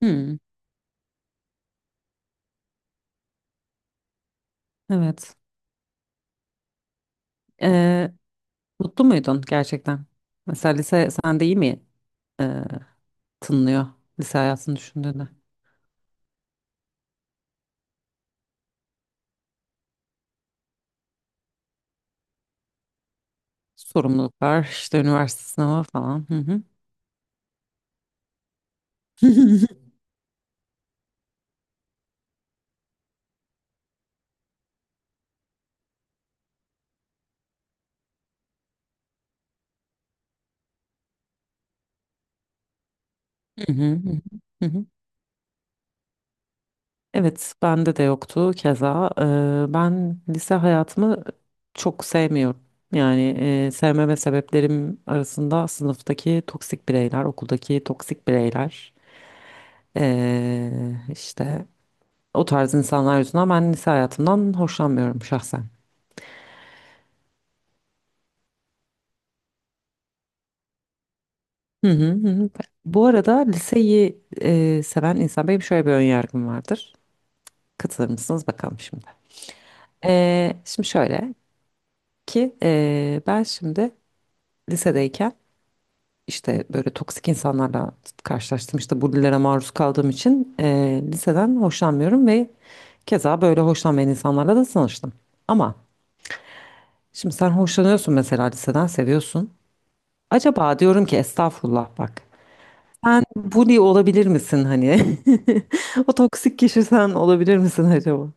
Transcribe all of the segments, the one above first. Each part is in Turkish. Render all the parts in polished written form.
Hmm, evet. Ee, Mutlu muydun gerçekten? Mesela lise sende iyi mi tınlıyor lise hayatını düşündüğünde? Sorumluluklar, işte üniversite sınavı falan. Hı hı. Hı hı, hı hı, hı hı. Evet, bende de yoktu keza. Ben lise hayatımı çok sevmiyorum. Yani sevmeme sebeplerim arasında sınıftaki toksik bireyler, okuldaki toksik bireyler, ee, işte o tarz insanlar yüzünden ben lise hayatımdan hoşlanmıyorum şahsen. Hı hı hı, hı. Bu arada liseyi seven insan benim, şöyle bir ön yargım vardır. Katılır mısınız bakalım şimdi. Şimdi şöyle ki ben şimdi lisedeyken işte böyle toksik insanlarla karşılaştım. İşte bullilere maruz kaldığım için liseden hoşlanmıyorum ve keza böyle hoşlanmayan insanlarla da tanıştım. Ama şimdi sen hoşlanıyorsun mesela, liseden seviyorsun. Acaba diyorum ki, estağfurullah bak. Sen bully olabilir misin hani? O toksik kişi sen olabilir misin acaba?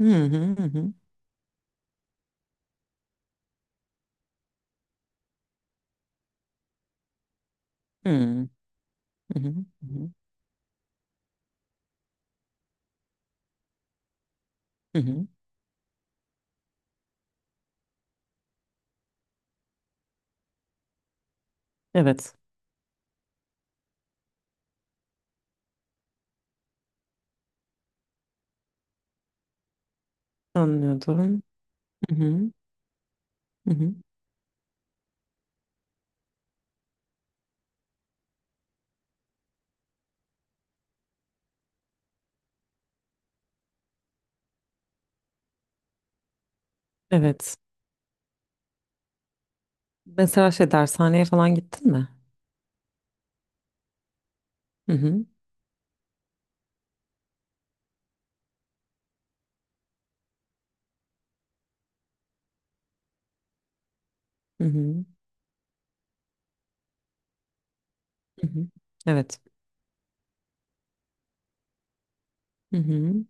Hı hı hı hı. Hı hı hı hı, hı hı. Evet. Anlıyordum. Hı hı hı hı. Evet. Mesela şey, dershaneye falan gittin mi? Hı hı hı hı, hı hı. Evet. Hı hı.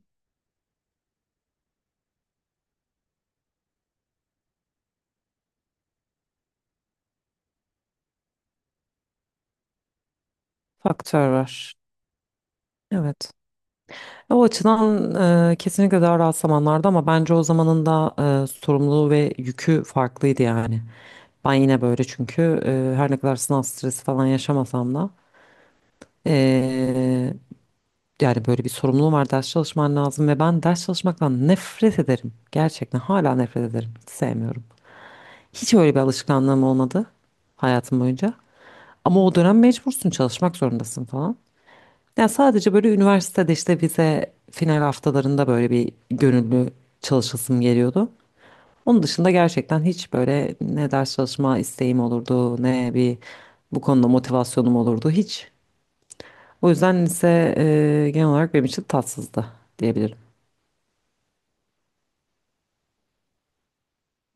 Faktör var. Evet. O açıdan kesinlikle daha rahat zamanlardı, ama bence o zamanın da sorumluluğu ve yükü farklıydı yani. Ben yine böyle, çünkü her ne kadar sınav stresi falan yaşamasam da, e, yani böyle bir sorumluluğum var, ders çalışman lazım ve ben ders çalışmaktan nefret ederim. Gerçekten hala nefret ederim. Hiç sevmiyorum. Hiç öyle bir alışkanlığım olmadı hayatım boyunca. Ama o dönem mecbursun, çalışmak zorundasın falan. Yani sadece böyle üniversitede işte vize final haftalarında böyle bir gönüllü çalışasım geliyordu. Onun dışında gerçekten hiç böyle ne ders çalışma isteğim olurdu, ne bir bu konuda motivasyonum olurdu hiç. O yüzden lise genel olarak benim için tatsızdı diyebilirim.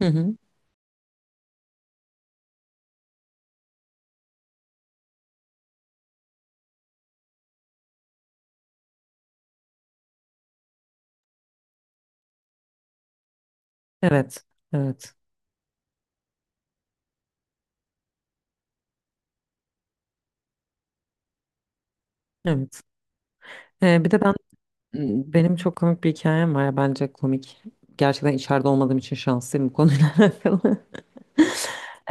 Hı hı. Evet, evet, evet. Bir de benim çok komik bir hikayem var, ya bence komik. Gerçekten içeride olmadığım için şanslıyım bu konuyla alakalı.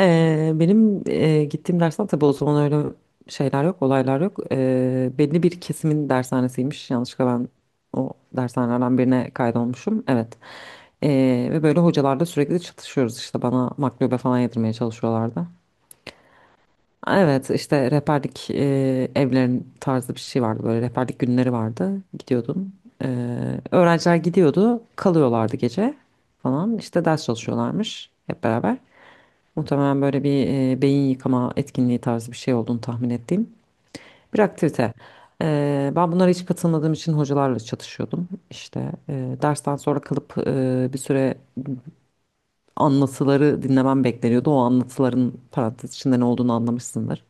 Benim gittiğim dersten, tabii o zaman öyle şeyler yok, olaylar yok. Belli bir kesimin dershanesiymiş. Yanlışlıkla ben o dershanelerden birine kaydolmuşum. Evet. Ve böyle hocalarla sürekli çatışıyoruz, işte bana maklube falan yedirmeye çalışıyorlardı. Evet, işte rehberlik evlerin tarzı bir şey vardı, böyle rehberlik günleri vardı, gidiyordun. Öğrenciler gidiyordu, kalıyorlardı gece falan, işte ders çalışıyorlarmış hep beraber. Muhtemelen böyle bir beyin yıkama etkinliği tarzı bir şey olduğunu tahmin ettiğim bir aktivite. Ben bunlara hiç katılmadığım için hocalarla çatışıyordum. İşte dersten sonra kalıp bir süre anlatıları dinlemem bekleniyordu. O anlatıların parantez içinde ne olduğunu anlamışsındır.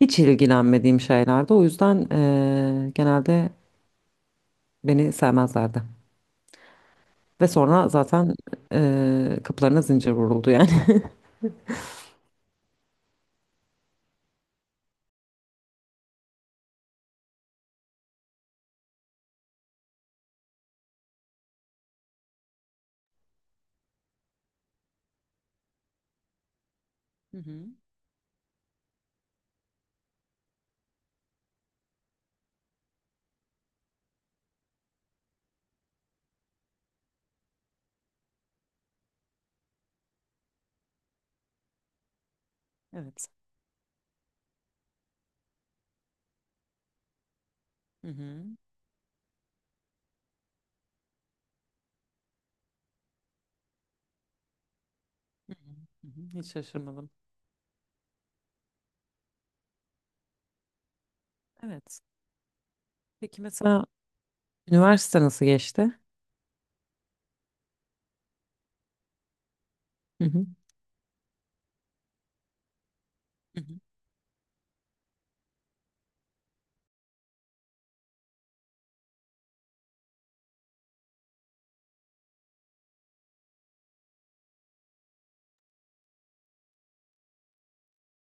Hiç ilgilenmediğim şeylerdi. O yüzden genelde beni sevmezlerdi. Ve sonra zaten kapılarına zincir vuruldu yani. Hı hı. Evet. Hı hı. Hı hı. Hı hı. Hiç şaşırmadım. Evet. Peki mesela üniversite nasıl geçti? Hı hı. Hı hı.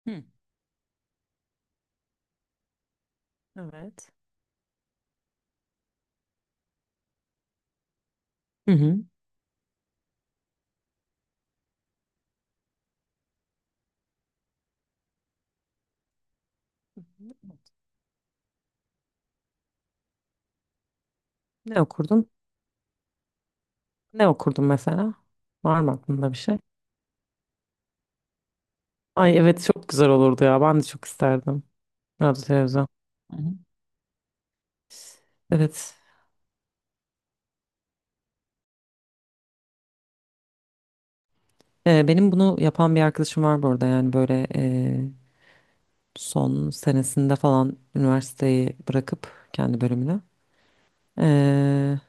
Hı. Evet. Hı hı. Ne okurdun? Ne okurdun mesela? Var mı aklında bir şey? Ay evet, çok güzel olurdu ya. Ben de çok isterdim. Radyo televizyon. Hı hı. Evet. Benim bunu yapan bir arkadaşım var bu arada. Yani böyle son senesinde falan üniversiteyi bırakıp kendi bölümünü. e,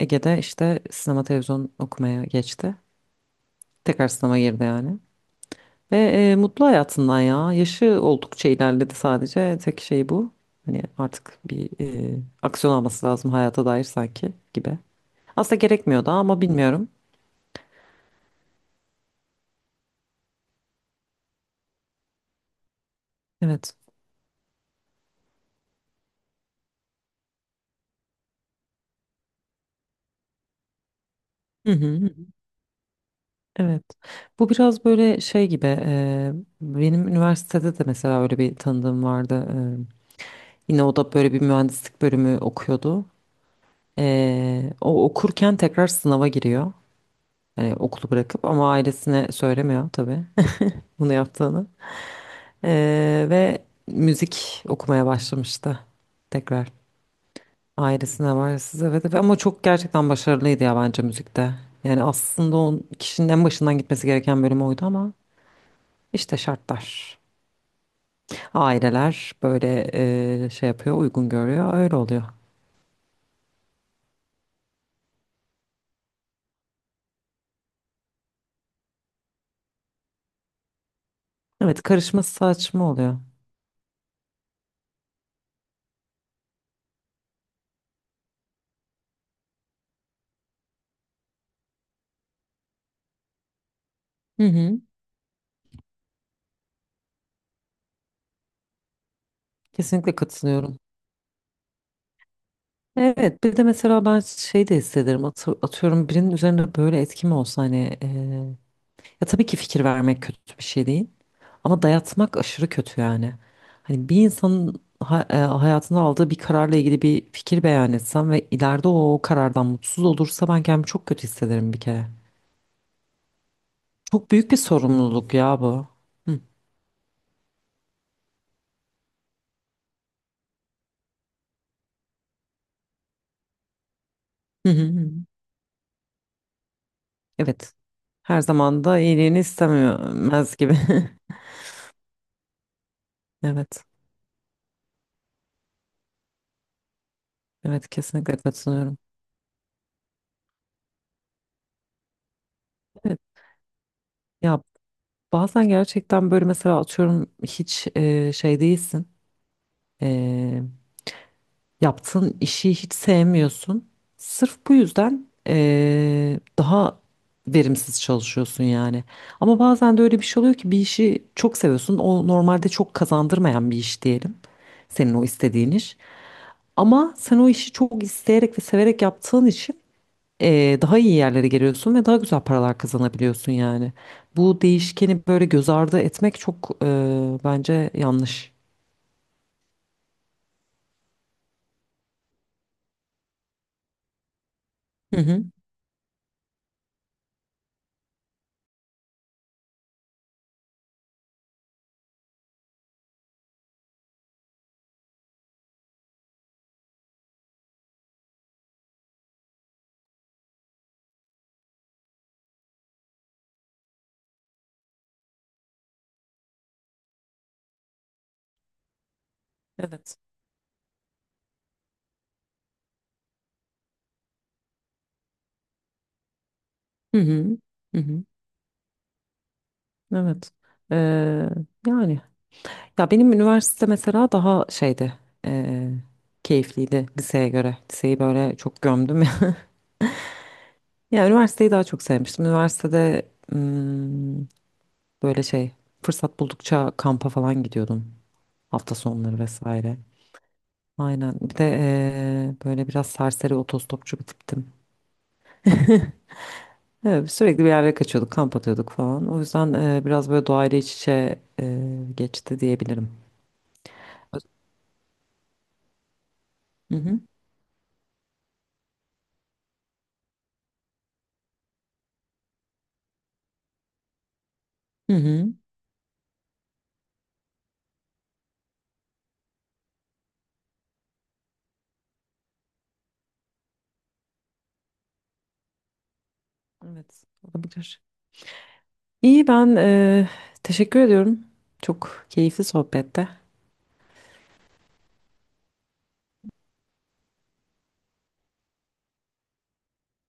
Ege'de işte sinema televizyon okumaya geçti. Tekrar sınava girdi yani. Ve mutlu hayatından ya. Yaşı oldukça ilerledi sadece. Tek şey bu. Hani artık bir aksiyon alması lazım hayata dair sanki gibi. Aslında gerekmiyor da, ama bilmiyorum. Evet. Hı hı, hı hı. Evet. Bu biraz böyle şey gibi. Benim üniversitede de mesela öyle bir tanıdığım vardı. Yine o da böyle bir mühendislik bölümü okuyordu. O okurken tekrar sınava giriyor. Yani okulu bırakıp, ama ailesine söylemiyor tabii bunu yaptığını. Ve müzik okumaya başlamıştı tekrar. Ailesine var size ve ama çok gerçekten başarılıydı ya, bence müzikte. Yani aslında o kişinin en başından gitmesi gereken bölüm oydu, ama işte şartlar. Aileler böyle şey yapıyor, uygun görüyor, öyle oluyor. Evet, karışması saçma oluyor. Hı hı, kesinlikle katılıyorum. Evet, bir de mesela ben şey de hissederim. Atıyorum birinin üzerine böyle etki mi olsa hani, ya tabii ki fikir vermek kötü bir şey değil. Ama dayatmak aşırı kötü yani. Hani bir insanın hayatında aldığı bir kararla ilgili bir fikir beyan etsem ve ileride o karardan mutsuz olursa, ben kendimi çok kötü hissederim bir kere. Çok büyük bir sorumluluk ya bu. Hı. Hı hı hı. Evet. Her zaman da iyiliğini istemez gibi. Evet. Evet, kesinlikle katılıyorum. Evet. Ya bazen gerçekten böyle mesela, atıyorum, hiç şey değilsin. E, Yaptığın işi hiç sevmiyorsun. Sırf bu yüzden daha verimsiz çalışıyorsun yani. Ama bazen de öyle bir şey oluyor ki bir işi çok seviyorsun. O normalde çok kazandırmayan bir iş diyelim. Senin o istediğin iş. Ama sen o işi çok isteyerek ve severek yaptığın için daha iyi yerlere geliyorsun ve daha güzel paralar kazanabiliyorsun yani. Bu değişkeni böyle göz ardı etmek çok bence yanlış. Hı hı. Evet. Hı hı. Hı hı. Evet. Ee, Yani ya, benim üniversite mesela daha şeydi, ee, keyifliydi liseye göre. Liseyi böyle çok gömdüm ya. Ya üniversiteyi daha çok sevmiştim. Üniversitede böyle şey, fırsat buldukça kampa falan gidiyordum hafta sonları vesaire. Aynen. Bir de böyle biraz serseri otostopçu bir tiptim. Evet, sürekli bir yerlere kaçıyorduk, kamp atıyorduk falan. O yüzden biraz böyle doğayla iç içe geçti diyebilirim. Öz- Hı hı. Hı hı. Evet, olabilir. İyi, ben teşekkür ediyorum. Çok keyifli sohbette.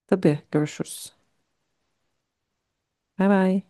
Tabii görüşürüz. Bay bay.